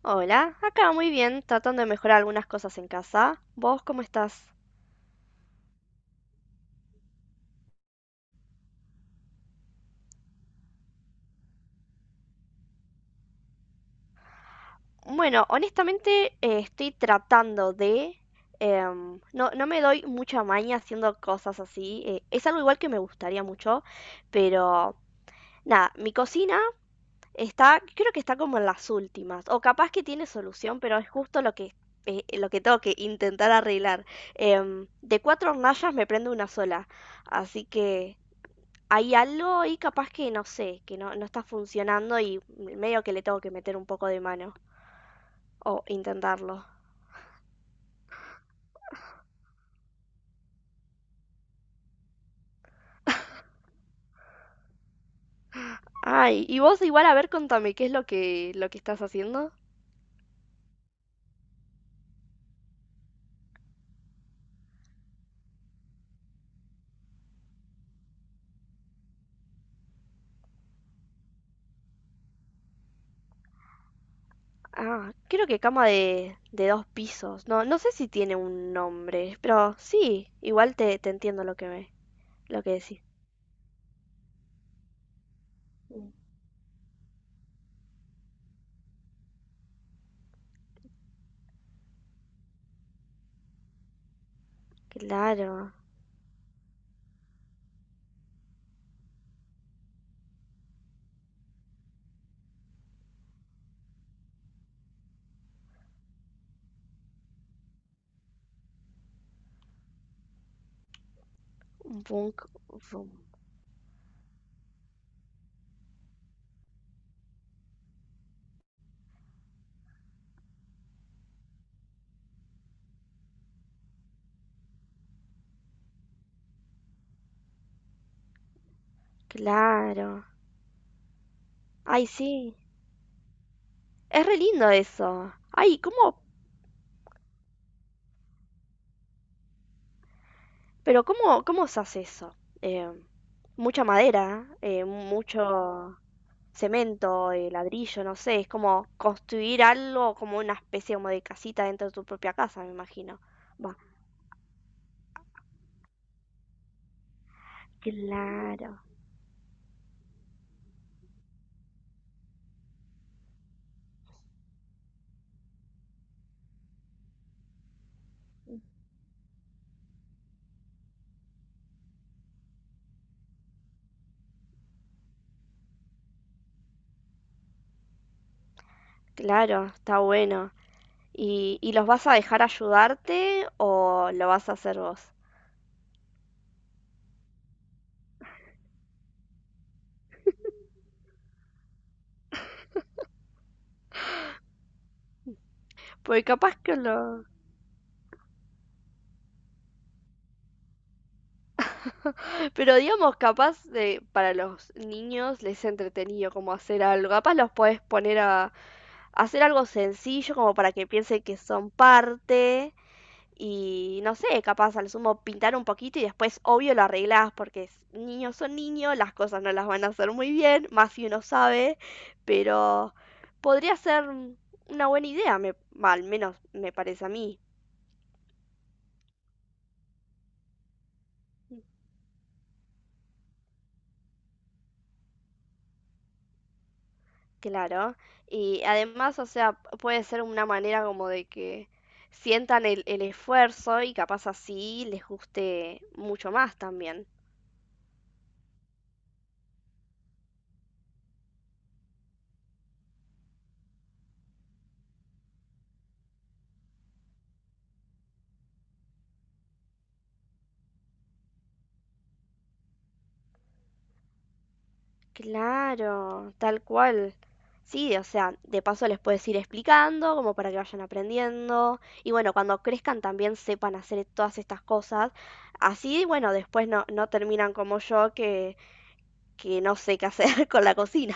Hola, acá muy bien, tratando de mejorar algunas cosas en casa. ¿Vos cómo estás? Bueno, honestamente estoy tratando de... no, no me doy mucha maña haciendo cosas así. Es algo igual que me gustaría mucho, pero nada, mi cocina está, creo que está como en las últimas, o capaz que tiene solución, pero es justo lo que, lo que tengo que intentar arreglar. De cuatro hornallas me prende una sola, así que... hay algo ahí capaz que no sé, que no está funcionando y medio que le tengo que meter un poco de mano o intentarlo. Ay, y vos igual a ver, contame, ¿qué es lo que estás haciendo? Ah, creo que cama de dos pisos. No, no sé si tiene un nombre, pero sí, igual te entiendo lo que me, lo que decís. Mm. Claro, un punk, un- claro. Ay, sí, es re lindo eso. Ay, ¿cómo Pero ¿cómo, cómo usás eso? Eh, mucha madera, mucho cemento, ladrillo, no sé, es como construir algo como una especie como de casita dentro de tu propia casa, me imagino. Va, claro, claro, está bueno. Y los vas a dejar ayudarte o lo vas a hacer vos? Porque capaz que lo... Pero digamos, capaz de, para los niños les es entretenido como hacer algo. Capaz los podés poner a, hacer algo sencillo como para que piensen que son parte y no sé, capaz al sumo pintar un poquito y después obvio lo arreglás porque es- niños son niños, las cosas no las van a hacer muy bien, más si uno sabe, pero podría ser una buena idea, me, al menos me parece a mí. Claro, y además, o sea, puede ser una manera como de que sientan el esfuerzo y capaz así les guste mucho más también. Claro, tal cual. Sí, o sea, de paso les puedes ir explicando, como para que vayan aprendiendo. Y bueno, cuando crezcan también sepan hacer todas estas cosas. Así, bueno, después no terminan como yo que no sé qué hacer con la cocina.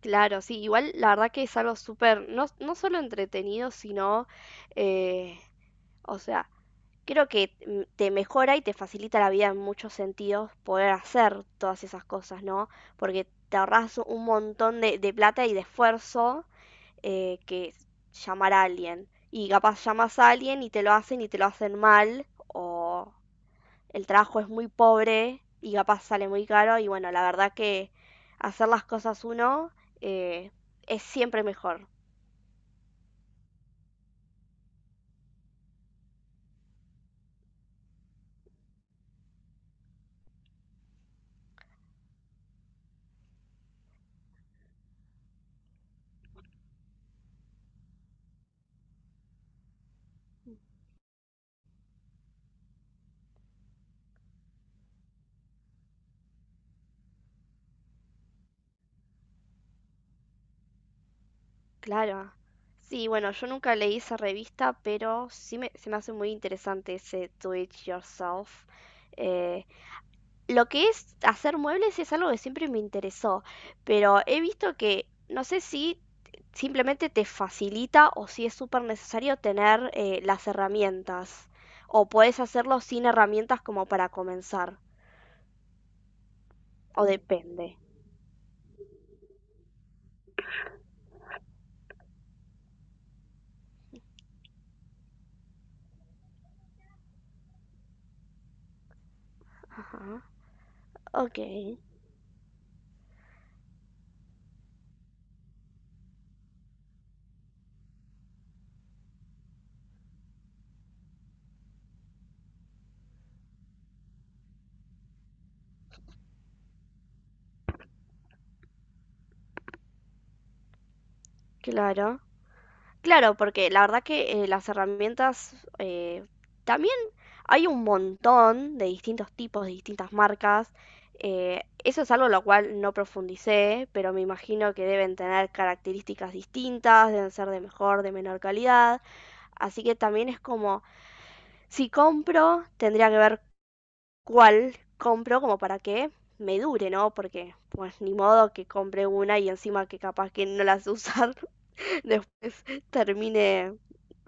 Claro, sí, igual la verdad que es algo súper, no solo entretenido, sino, eh, o sea, creo que te mejora y te facilita la vida en muchos sentidos poder hacer todas esas cosas, ¿no? Porque te ahorras un montón de plata y de esfuerzo que es llamar a alguien. Y capaz llamas a alguien y te lo hacen y te lo hacen mal, o el trabajo es muy pobre y capaz sale muy caro. Y bueno, la verdad que hacer las cosas uno eh, es siempre mejor. Claro. Sí, bueno, yo nunca leí esa revista, pero sí me, se me hace muy interesante ese Do It Yourself. Eh, lo que es hacer muebles es algo que siempre me interesó, pero he visto que no sé si simplemente te facilita o si es súper necesario tener las herramientas, o puedes hacerlo sin herramientas como para comenzar, o depende. Ajá. Ok, claro. Claro, porque la verdad que las herramientas también hay un montón de distintos tipos, de distintas marcas. Eh, eso es algo lo cual no profundicé, pero me imagino que deben tener características distintas, deben ser de mejor, de menor calidad. Así que también es como, si compro, tendría que ver cuál compro como para que me dure, ¿no? Porque pues ni modo que compre una y encima que capaz que no las usar después termine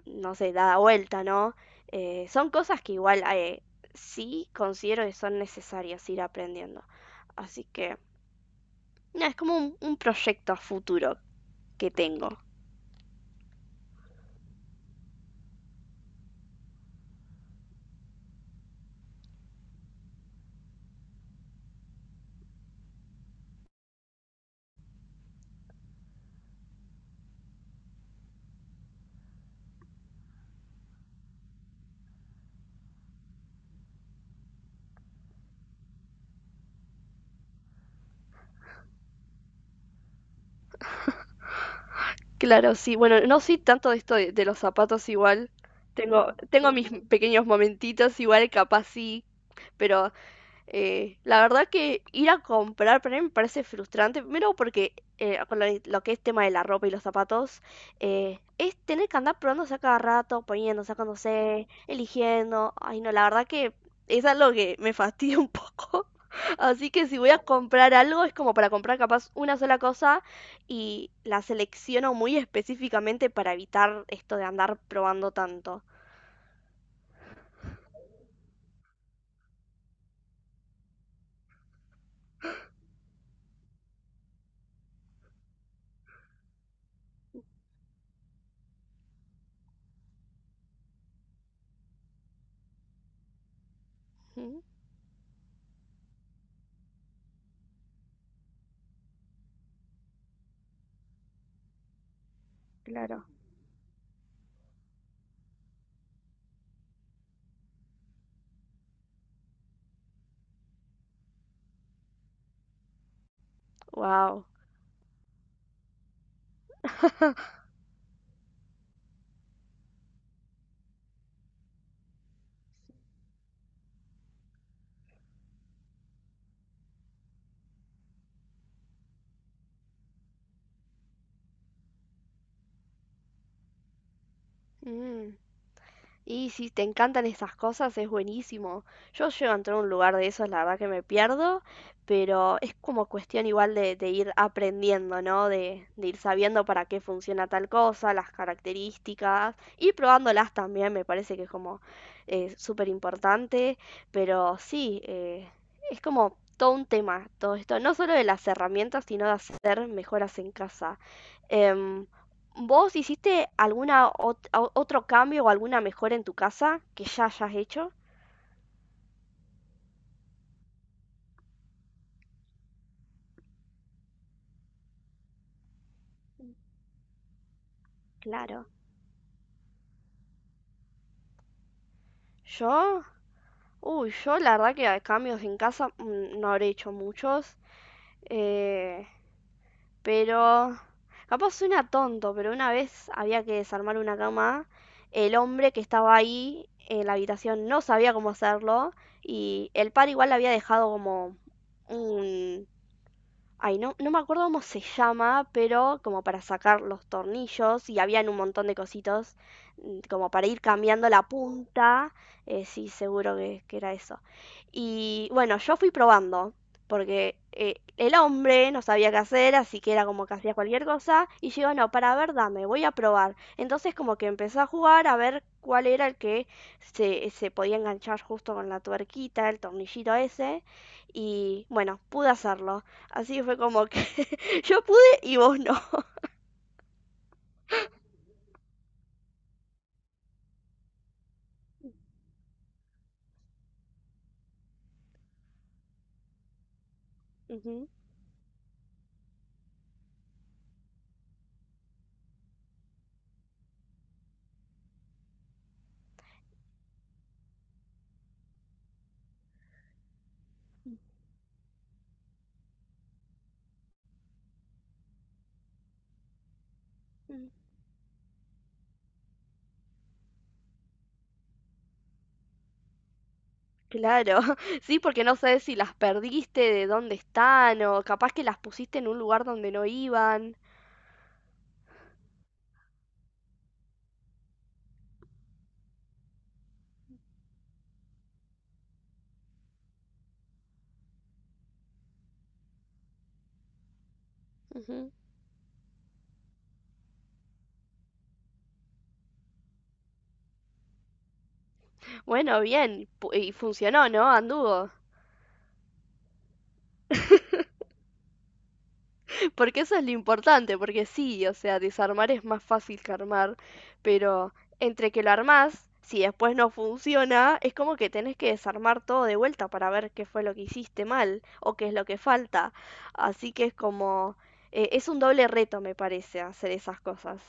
no sé, dada vuelta, ¿no? Son cosas que igual sí considero que son necesarias ir aprendiendo. Así que no, es como un proyecto a futuro que tengo. Claro, sí. Bueno, no soy tanto de esto de los zapatos igual. Tengo mis pequeños momentitos igual, capaz sí, pero la verdad que ir a comprar para mí me parece frustrante, primero porque con lo que es tema de la ropa y los zapatos, es tener que andar probándose a cada rato, poniendo, sacándose, eligiendo. Ay, no, la verdad que es algo que me fastidia un poco. Así que si voy a comprar algo, es como para comprar capaz una sola cosa y la selecciono muy específicamente para evitar esto de andar probando tanto. Claro. Wow. Y si te encantan esas cosas, es buenísimo. Yo llego a entrar a un lugar de esos, la verdad que me pierdo, pero es como cuestión igual de ir aprendiendo, ¿no? De ir sabiendo para qué funciona tal cosa, las características, y probándolas también, me parece que es como súper importante, pero sí, es como todo un tema, todo esto, no solo de las herramientas, sino de hacer mejoras en casa. Em, ¿vos hiciste alguna ot- o- otro cambio o alguna mejora en tu casa que ya hayas hecho? Claro. Yo, uy, yo la verdad que a cambios en casa no habré hecho muchos, eh, pero capaz suena tonto, pero una vez había que desarmar una cama, el hombre que estaba ahí en la habitación no sabía cómo hacerlo y el par igual le había dejado como un, Ay, no, no me acuerdo cómo se llama, pero como para sacar los tornillos y habían un montón de cositos como para ir cambiando la punta. Eh, sí, seguro que era eso. Y bueno, yo fui probando, porque el hombre no sabía qué hacer, así que era como que hacía cualquier cosa. Y yo digo, no, para ver, dame, voy a probar. Entonces como que empecé a jugar a ver cuál era el que se podía enganchar justo con la tuerquita, el tornillito ese. Y bueno, pude hacerlo. Así fue como que yo pude y vos no. Ujú. Claro, sí, porque no sabes si las perdiste, de dónde están, o capaz que las pusiste en un lugar donde no iban. Ujú. Bueno, bien, pu- y funcionó, ¿no? Anduvo. Porque eso es lo importante, porque sí, o sea, desarmar es más fácil que armar, pero entre que lo armás, si después no funciona, es como que tenés que desarmar todo de vuelta para ver qué fue lo que hiciste mal o qué es lo que falta. Así que es como, es un doble reto, me parece, hacer esas cosas.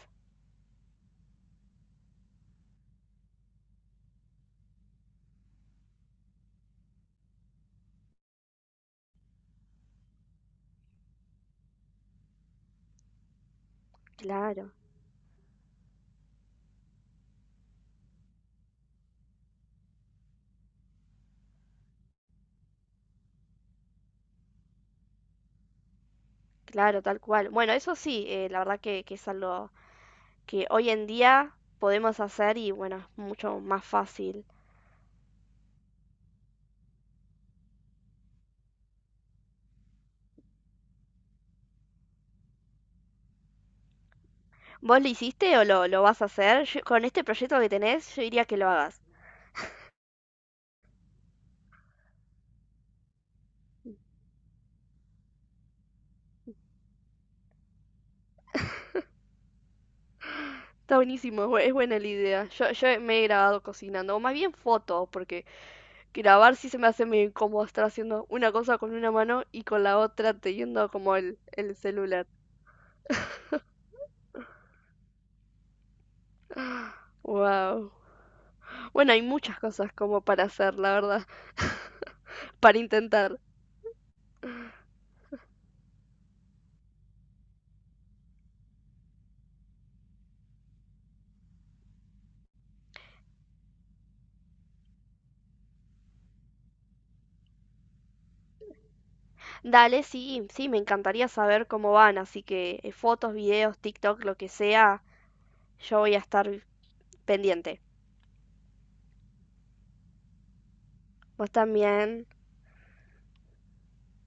Claro, claro, tal cual. Bueno, eso sí, la verdad que es algo que hoy en día podemos hacer y bueno, es mucho más fácil. ¿Vos lo hiciste o lo vas a hacer? Yo- con este proyecto que tenés, yo diría que lo hagas. Está buenísimo, es bu- es buena la idea. Yo me he grabado cocinando, o más bien fotos, porque grabar sí se me hace medio incómodo estar haciendo una cosa con una mano y con la otra teniendo como el celular. Wow. Bueno, hay muchas cosas como para hacer, la verdad. Para intentar. Dale, sí, sí, me encantaría saber cómo van, así que fotos, videos, TikTok, lo que sea, yo voy a estar pendiente. Vos también.